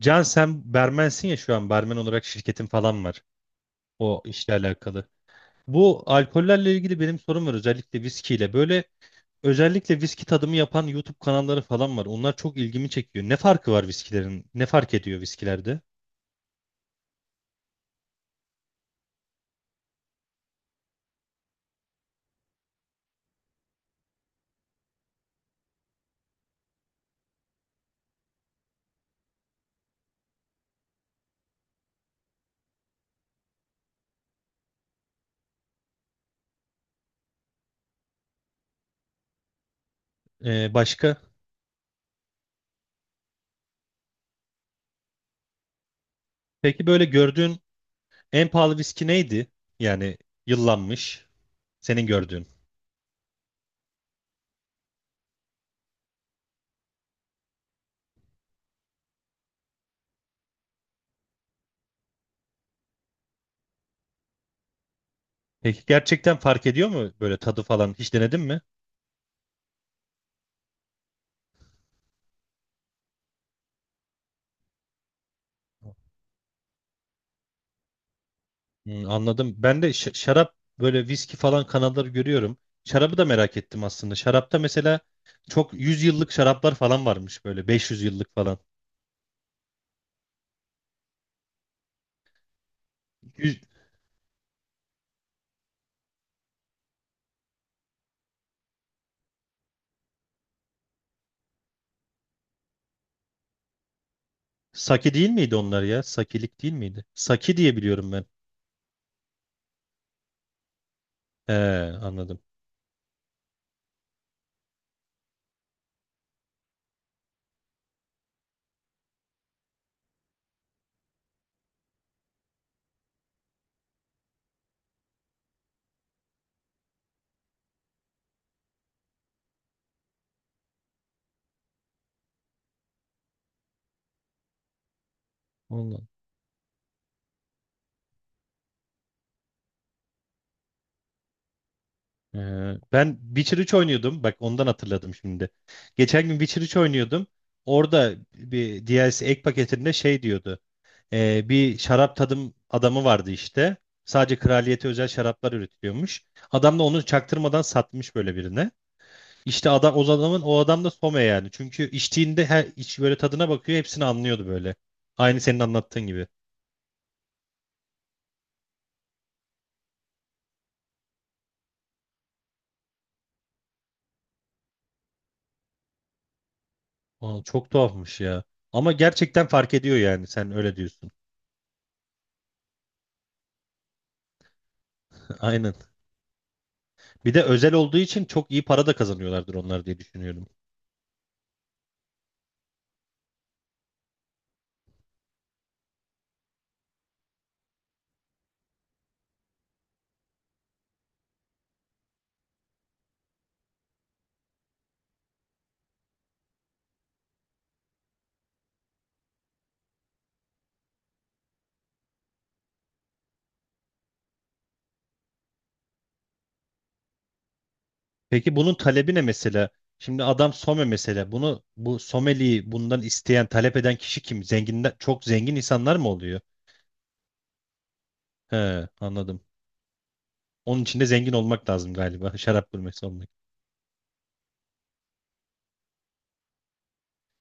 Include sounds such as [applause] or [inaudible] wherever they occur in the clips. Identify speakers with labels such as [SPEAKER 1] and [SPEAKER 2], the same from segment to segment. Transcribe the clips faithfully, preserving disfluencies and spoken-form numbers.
[SPEAKER 1] Can sen barmensin ya şu an barmen olarak şirketin falan var o işle alakalı. Bu alkollerle ilgili benim sorum var özellikle viskiyle. Böyle özellikle viski tadımı yapan YouTube kanalları falan var. Onlar çok ilgimi çekiyor. Ne farkı var viskilerin? Ne fark ediyor viskilerde? Ee, başka? Peki böyle gördüğün en pahalı viski neydi? Yani yıllanmış senin gördüğün. Peki gerçekten fark ediyor mu böyle tadı falan? Hiç denedin mi? Hmm, anladım. Ben de ş- şarap böyle viski falan kanalları görüyorum. Şarabı da merak ettim aslında. Şarapta mesela çok yüz yıllık şaraplar falan varmış böyle beş yüz yıllık falan. yüz. Sake değil miydi onlar ya? Sakilik değil miydi? Saki diye biliyorum ben. He, anladım. Ondan. Ee, Ben Witcher üç oynuyordum. Bak ondan hatırladım şimdi. Geçen gün Witcher üç oynuyordum. Orada bir D L C ek paketinde şey diyordu. Ee, bir şarap tadım adamı vardı işte. Sadece kraliyete özel şaraplar üretiliyormuş. Adam da onu çaktırmadan satmış böyle birine. İşte adam o adamın o adam da sommelier yani. Çünkü içtiğinde her iç böyle tadına bakıyor, hepsini anlıyordu böyle. Aynı senin anlattığın gibi. Aa, çok tuhafmış ya. Ama gerçekten fark ediyor yani sen öyle diyorsun. [laughs] Aynen. Bir de özel olduğu için çok iyi para da kazanıyorlardır onlar diye düşünüyorum. Peki bunun talebi ne mesela? Şimdi adam some mesela. Bunu bu someliyi bundan isteyen, talep eden kişi kim? Zenginden çok zengin insanlar mı oluyor? He, anladım. Onun için de zengin olmak lazım galiba. [laughs] Şarap gurmesi olmak.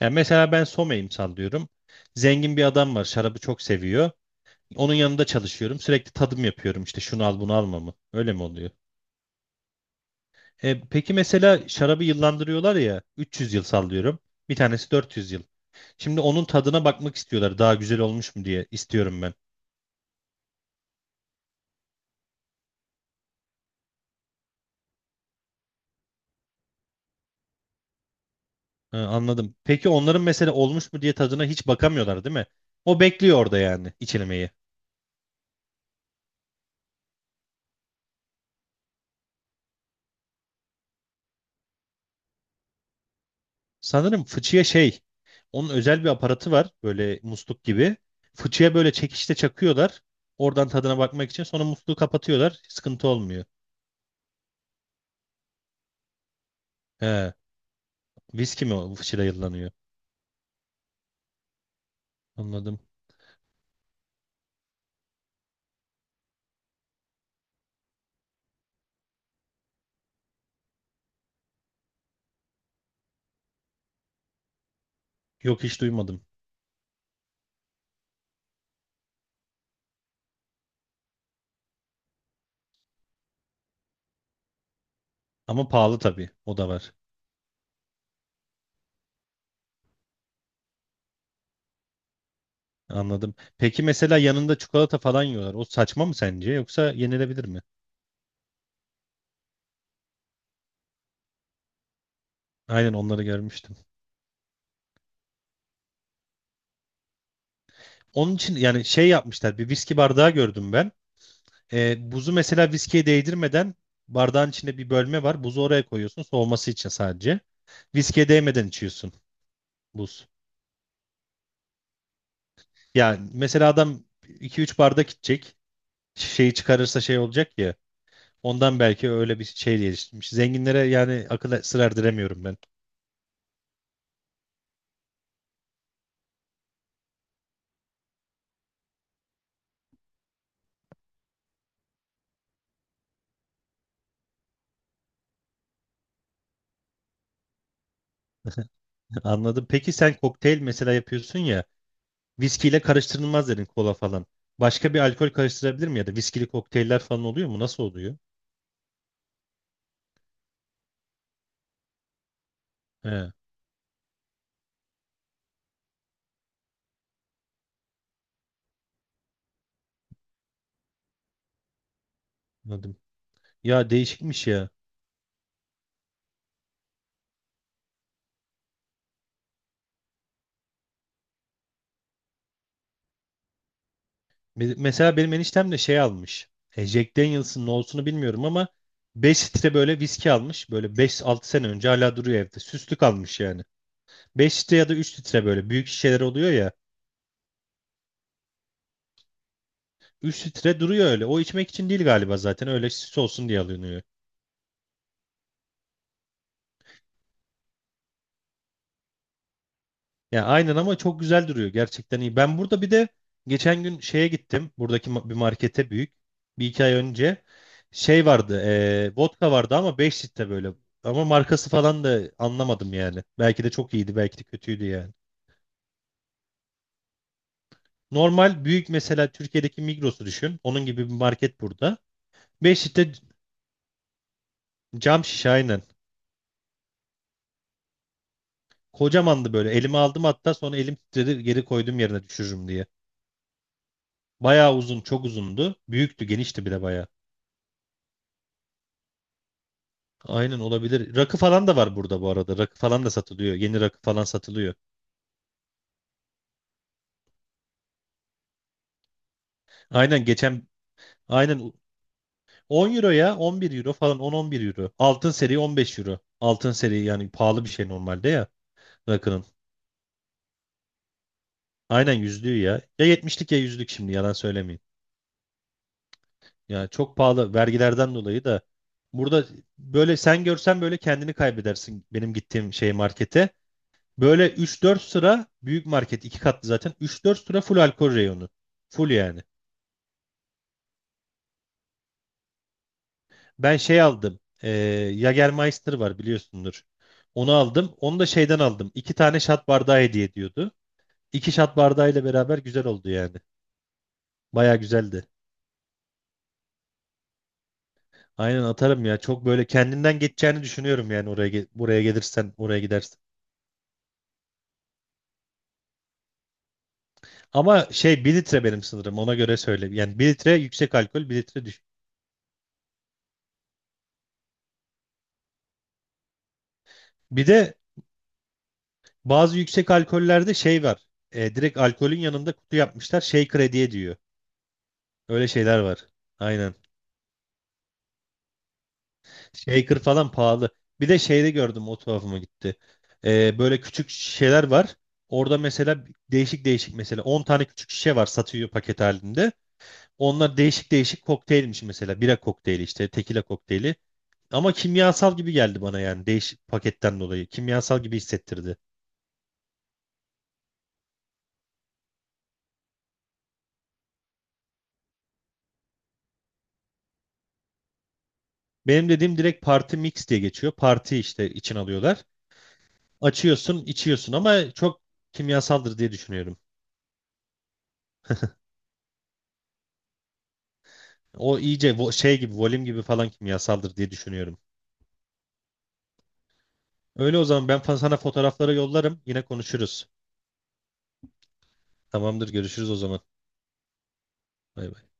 [SPEAKER 1] Yani mesela ben someyim sallıyorum. Zengin bir adam var. Şarabı çok seviyor. Onun yanında çalışıyorum. Sürekli tadım yapıyorum. İşte şunu al bunu alma mı? Öyle mi oluyor? E, peki mesela şarabı yıllandırıyorlar ya. üç yüz yıl sallıyorum. Bir tanesi dört yüz yıl. Şimdi onun tadına bakmak istiyorlar. Daha güzel olmuş mu diye istiyorum ben. Ha, anladım. Peki onların mesela olmuş mu diye tadına hiç bakamıyorlar değil mi? O bekliyor orada yani içilmeyi. Sanırım fıçıya şey, onun özel bir aparatı var böyle musluk gibi. Fıçıya böyle çekişte çakıyorlar. Oradan tadına bakmak için sonra musluğu kapatıyorlar. Sıkıntı olmuyor. He, viski mi o fıçıda yıllanıyor? Anladım. Yok hiç duymadım. Ama pahalı tabii. O da var. Anladım. Peki mesela yanında çikolata falan yiyorlar. O saçma mı sence yoksa yenilebilir mi? Aynen onları görmüştüm. Onun için yani şey yapmışlar. Bir viski bardağı gördüm ben. Ee, buzu mesela viskiye değdirmeden bardağın içinde bir bölme var. Buzu oraya koyuyorsun soğuması için sadece. Viskiye değmeden içiyorsun buz. Yani mesela adam iki üç bardak içecek. Şeyi çıkarırsa şey olacak ya. Ondan belki öyle bir şey geliştirmiş. Zenginlere yani akıl sır erdiremiyorum ben. Anladım. Peki sen kokteyl mesela yapıyorsun ya, viskiyle karıştırılmaz dedin kola falan. Başka bir alkol karıştırabilir mi ya da viskili kokteyller falan oluyor mu? Nasıl oluyor? He, anladım. Ya değişikmiş ya. Me- Mesela benim eniştem de şey almış. E, Jack Daniels'ın ne olsunu bilmiyorum ama beş litre böyle viski almış. Böyle beş altı sene önce hala duruyor evde. Süslü kalmış yani. Beş litre ya da üç litre böyle büyük şişeler oluyor ya. Üç litre duruyor öyle. O içmek için değil galiba zaten. Öyle süs olsun diye alınıyor. Ya aynen ama çok güzel duruyor. Gerçekten iyi. Ben burada bir de geçen gün şeye gittim. Buradaki ma- bir markete büyük. Bir iki ay önce şey vardı. E, vodka vardı ama beş litre böyle. Ama markası falan da anlamadım yani. Belki de çok iyiydi, belki de kötüydü yani. Normal büyük mesela Türkiye'deki Migros'u düşün. Onun gibi bir market burada. beş litre cam şişe aynen. Kocamandı böyle. Elime aldım hatta sonra elim titredi geri koydum yerine düşürürüm diye. Bayağı uzun, çok uzundu. Büyüktü, genişti bir de bayağı. Aynen olabilir. Rakı falan da var burada bu arada. Rakı falan da satılıyor. Yeni rakı falan satılıyor. Aynen geçen aynen on euro ya on bir euro falan on-on bir euro. Altın seri on beş euro. Altın seri yani pahalı bir şey normalde ya rakının. Aynen yüzlüğü ya. Ya yetmişlik ya yüzlük şimdi yalan söylemeyeyim. Ya çok pahalı vergilerden dolayı da burada böyle sen görsen böyle kendini kaybedersin benim gittiğim şey markete. Böyle üç dört sıra büyük market iki katlı zaten üç dört sıra full alkol reyonu. Full yani. Ben şey aldım. E, Jagermeister var biliyorsundur. Onu aldım. Onu da şeyden aldım. İki tane şat bardağı hediye ediyordu. İki şat bardağıyla beraber güzel oldu yani. Baya güzeldi. Aynen atarım ya. Çok böyle kendinden geçeceğini düşünüyorum yani oraya ge- buraya gelirsen, oraya gidersen. Ama şey bir litre benim sınırım. Ona göre söyle. Yani bir litre yüksek alkol, bir litre düş. Bir de bazı yüksek alkollerde şey var. E, direkt alkolün yanında kutu yapmışlar. Şey krediye diyor. Öyle şeyler var. Aynen. Shaker falan pahalı. Bir de şeyde gördüm o tuhafıma gitti. Ee, böyle küçük şişeler var. Orada mesela değişik değişik mesela on tane küçük şişe var satıyor paket halinde. Onlar değişik değişik kokteylmiş mesela. Bira kokteyli işte tekila kokteyli. Ama kimyasal gibi geldi bana yani değişik paketten dolayı. Kimyasal gibi hissettirdi. Benim dediğim direkt party mix diye geçiyor. Parti işte için alıyorlar. Açıyorsun içiyorsun ama çok kimyasaldır diye düşünüyorum. O iyice vo- şey gibi volüm gibi falan kimyasaldır diye düşünüyorum. Öyle o zaman ben fa- sana fotoğrafları yollarım. Yine konuşuruz. Tamamdır, görüşürüz o zaman. Bay bay.